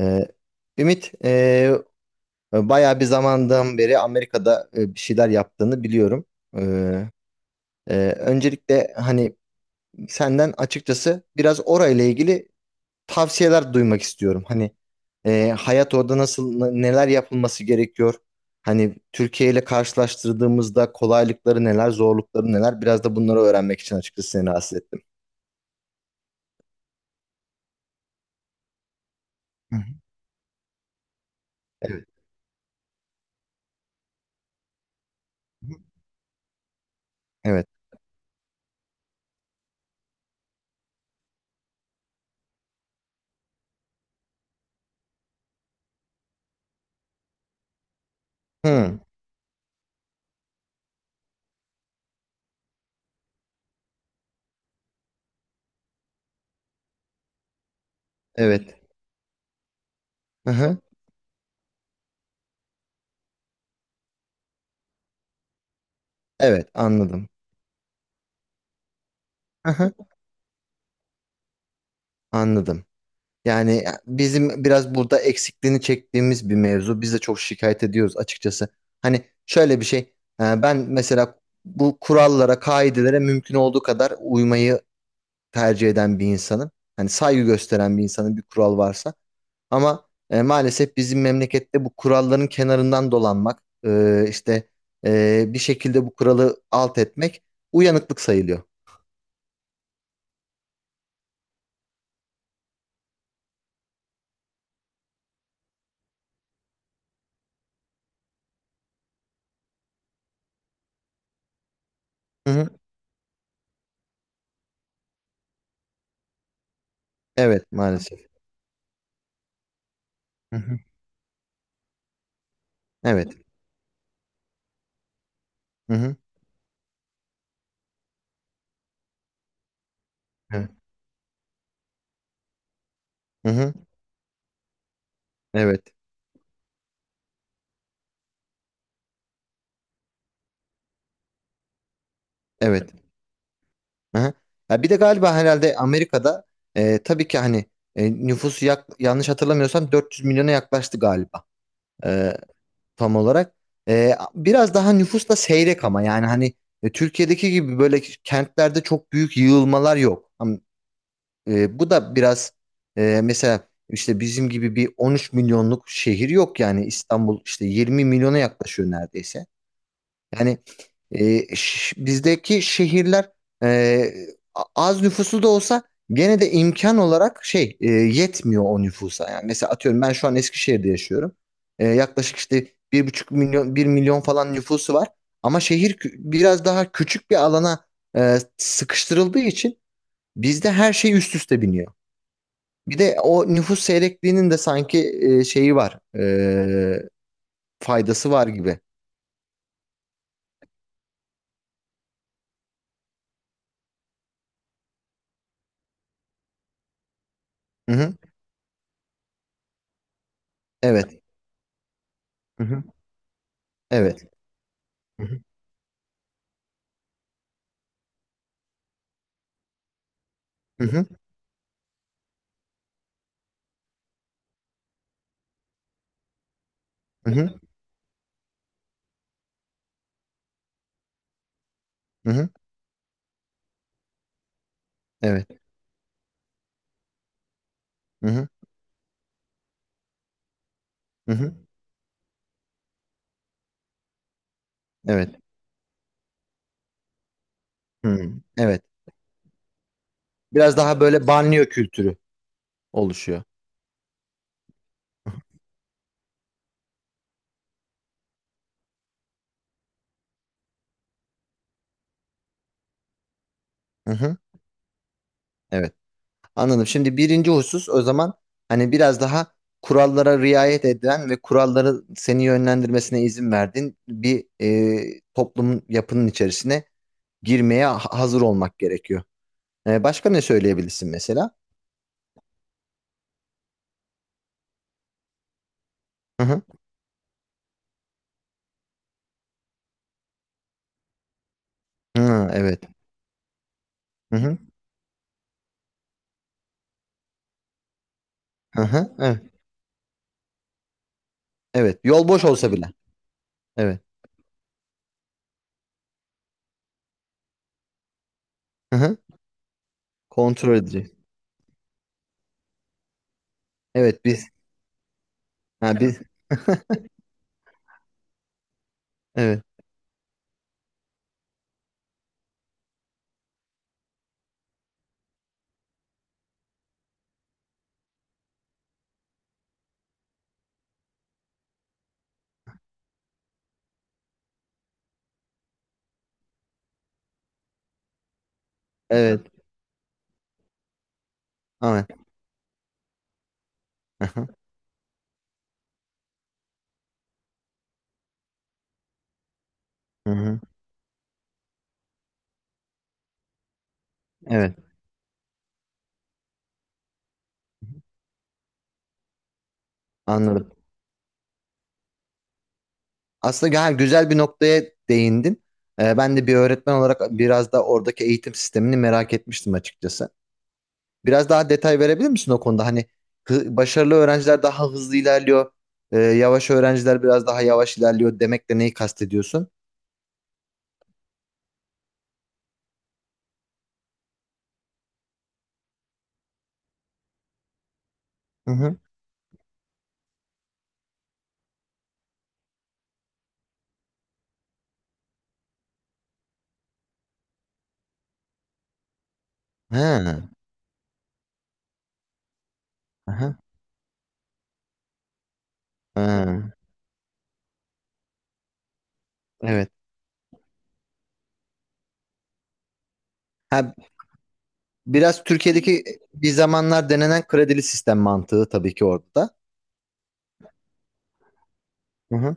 Ee, Ümit, bayağı bir zamandan beri Amerika'da bir şeyler yaptığını biliyorum. Ee, öncelikle hani senden açıkçası biraz orayla ilgili tavsiyeler duymak istiyorum. Hani hayat orada nasıl, neler yapılması gerekiyor? Hani Türkiye ile karşılaştırdığımızda kolaylıkları neler, zorlukları neler? Biraz da bunları öğrenmek için açıkçası seni rahatsız ettim. Hı hı. Evet. Hı. Evet. Hı, evet. Hı hı. Evet, anladım. Hı hı. Anladım. Yani bizim biraz burada eksikliğini çektiğimiz bir mevzu. Biz de çok şikayet ediyoruz açıkçası. Hani şöyle bir şey. Ben mesela bu kurallara, kaidelere mümkün olduğu kadar uymayı tercih eden bir insanım. Hani saygı gösteren bir insanın bir kural varsa. Ama maalesef bizim memlekette bu kuralların kenarından dolanmak, işte bir şekilde bu kuralı alt etmek uyanıklık sayılıyor. Hı hı. Evet, maalesef. Hı hı. Evet. Hı hı. Evet. Hı hı. Evet. Evet. Hı hı. Ya bir de galiba herhalde Amerika'da tabii ki hani nüfusu yanlış hatırlamıyorsam 400 milyona yaklaştı galiba e, tam olarak. Biraz daha nüfus da seyrek ama yani hani Türkiye'deki gibi böyle kentlerde çok büyük yığılmalar yok. Bu da biraz mesela işte bizim gibi bir 13 milyonluk şehir yok, yani İstanbul işte 20 milyona yaklaşıyor neredeyse. Yani bizdeki şehirler e, az nüfuslu da olsa gene de imkan olarak şey yetmiyor o nüfusa. Yani mesela atıyorum ben şu an Eskişehir'de yaşıyorum. Yaklaşık işte 1,5 milyon 1 milyon falan nüfusu var. Ama şehir biraz daha küçük bir alana sıkıştırıldığı için bizde her şey üst üste biniyor. Bir de o nüfus seyrekliğinin de sanki şeyi var. Faydası var gibi. Hı hı. Evet. Hı hı. Evet. Hı hı. Hı hı. Hı hı. Hı hı. Evet. Hı hı. Hı hı. Evet. Hı. Evet. Biraz daha böyle banliyö kültürü oluşuyor. Hı hı. Evet. Anladım. Şimdi birinci husus o zaman hani biraz daha kurallara riayet edilen ve kuralları seni yönlendirmesine izin verdiğin bir toplumun yapının içerisine girmeye hazır olmak gerekiyor. Başka ne söyleyebilirsin mesela? Hı hı. Hı, evet. Hı hı. Hı hı. Evet. Evet. Yol boş olsa bile. Evet. Hı hı. Kontrol edecek. Evet biz. Ha biz. Evet. Evet. Evet. Hı hı. Hı hı. Evet. Anladım. Aslında ha, güzel bir noktaya değindin. Ben de bir öğretmen olarak biraz da oradaki eğitim sistemini merak etmiştim açıkçası. Biraz daha detay verebilir misin o konuda? Hani başarılı öğrenciler daha hızlı ilerliyor. Yavaş öğrenciler biraz daha yavaş ilerliyor demekle neyi kastediyorsun? Hı hı. Ha, aha, ha, evet. Ha, biraz Türkiye'deki bir zamanlar denenen kredili sistem mantığı tabii ki orada. Hı hı.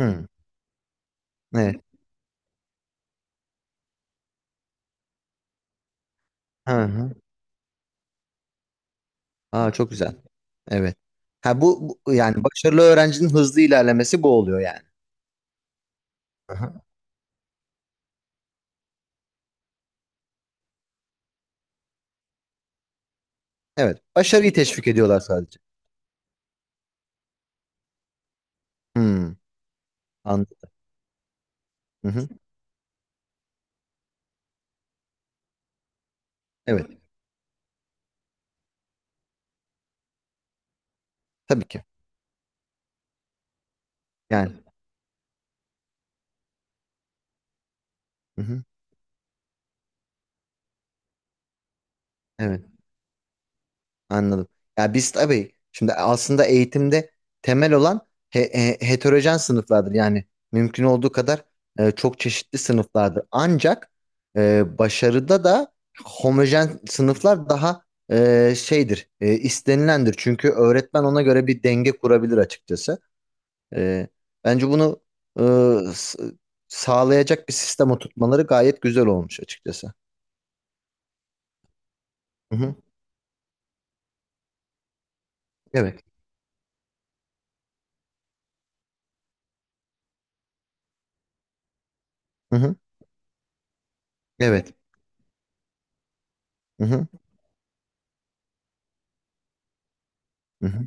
Hı, evet. Hı hı. Aa, çok güzel. Evet. Yani başarılı öğrencinin hızlı ilerlemesi bu oluyor yani. Hı hı. Evet. Başarıyı teşvik ediyorlar sadece. Hı, anladım. Hı hı. Evet. Tabii ki. Yani. Hı hı. Evet. Anladım. Ya biz tabii şimdi aslında eğitimde temel olan heterojen sınıflardır. Yani mümkün olduğu kadar çok çeşitli sınıflardır. Ancak başarıda da homojen sınıflar daha şeydir, istenilendir. Çünkü öğretmen ona göre bir denge kurabilir açıkçası. E, Bence bunu e, s- sağlayacak bir sistem oturtmaları gayet güzel olmuş açıkçası. Hı hı. Evet. Hı hı. Evet. Hı hı. Hı hı.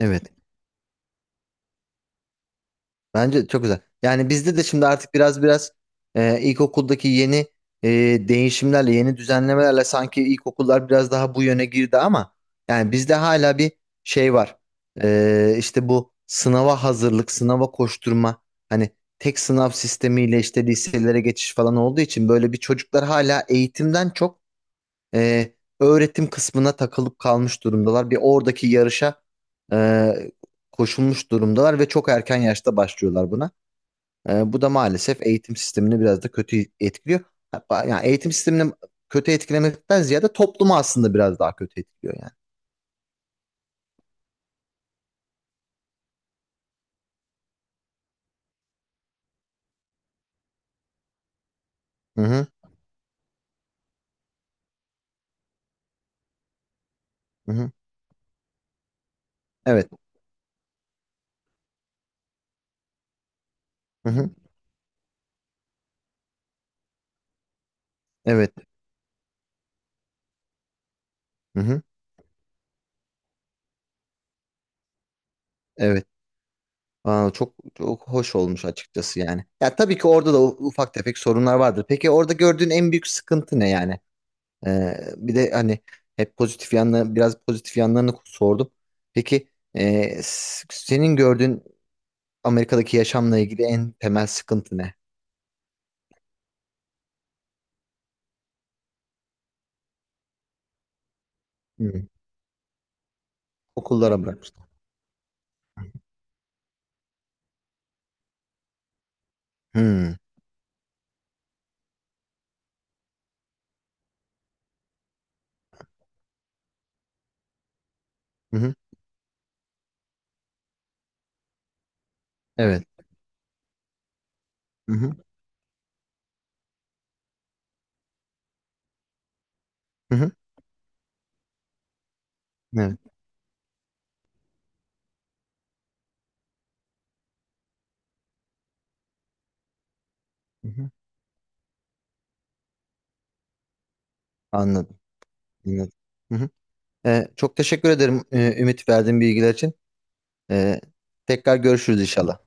Evet. Bence çok güzel. Yani bizde de şimdi artık biraz ilkokuldaki yeni e, değişimlerle, yeni düzenlemelerle sanki ilkokullar biraz daha bu yöne girdi ama yani bizde hala bir şey var. İşte bu sınava hazırlık, sınava koşturma, hani tek sınav sistemiyle işte liselere geçiş falan olduğu için böyle bir çocuklar hala eğitimden çok e, öğretim kısmına takılıp kalmış durumdalar. Bir oradaki yarışa e, koşulmuş durumdalar ve çok erken yaşta başlıyorlar buna. Bu da maalesef eğitim sistemini biraz da kötü etkiliyor. Hatta yani eğitim sistemini kötü etkilemekten ziyade toplumu aslında biraz daha kötü etkiliyor yani. Hı hı, hı hı. Evet. Hı hı, evet. Hı hı, evet. Aa, çok çok hoş olmuş açıkçası yani. Ya tabii ki orada da ufak tefek sorunlar vardır. Peki orada gördüğün en büyük sıkıntı ne yani? Bir de hani hep pozitif yanları biraz pozitif yanlarını sordum. Peki senin gördüğün Amerika'daki yaşamla ilgili en temel sıkıntı ne? Okullara bırakmışlar. Hmm. Hı hı. Evet. Hı hı. Hı hı. Evet. Hı hı. Anladım. Anladım. Hı hı. Çok teşekkür ederim Ümit, verdiğin bilgiler için. Ee, tekrar görüşürüz inşallah.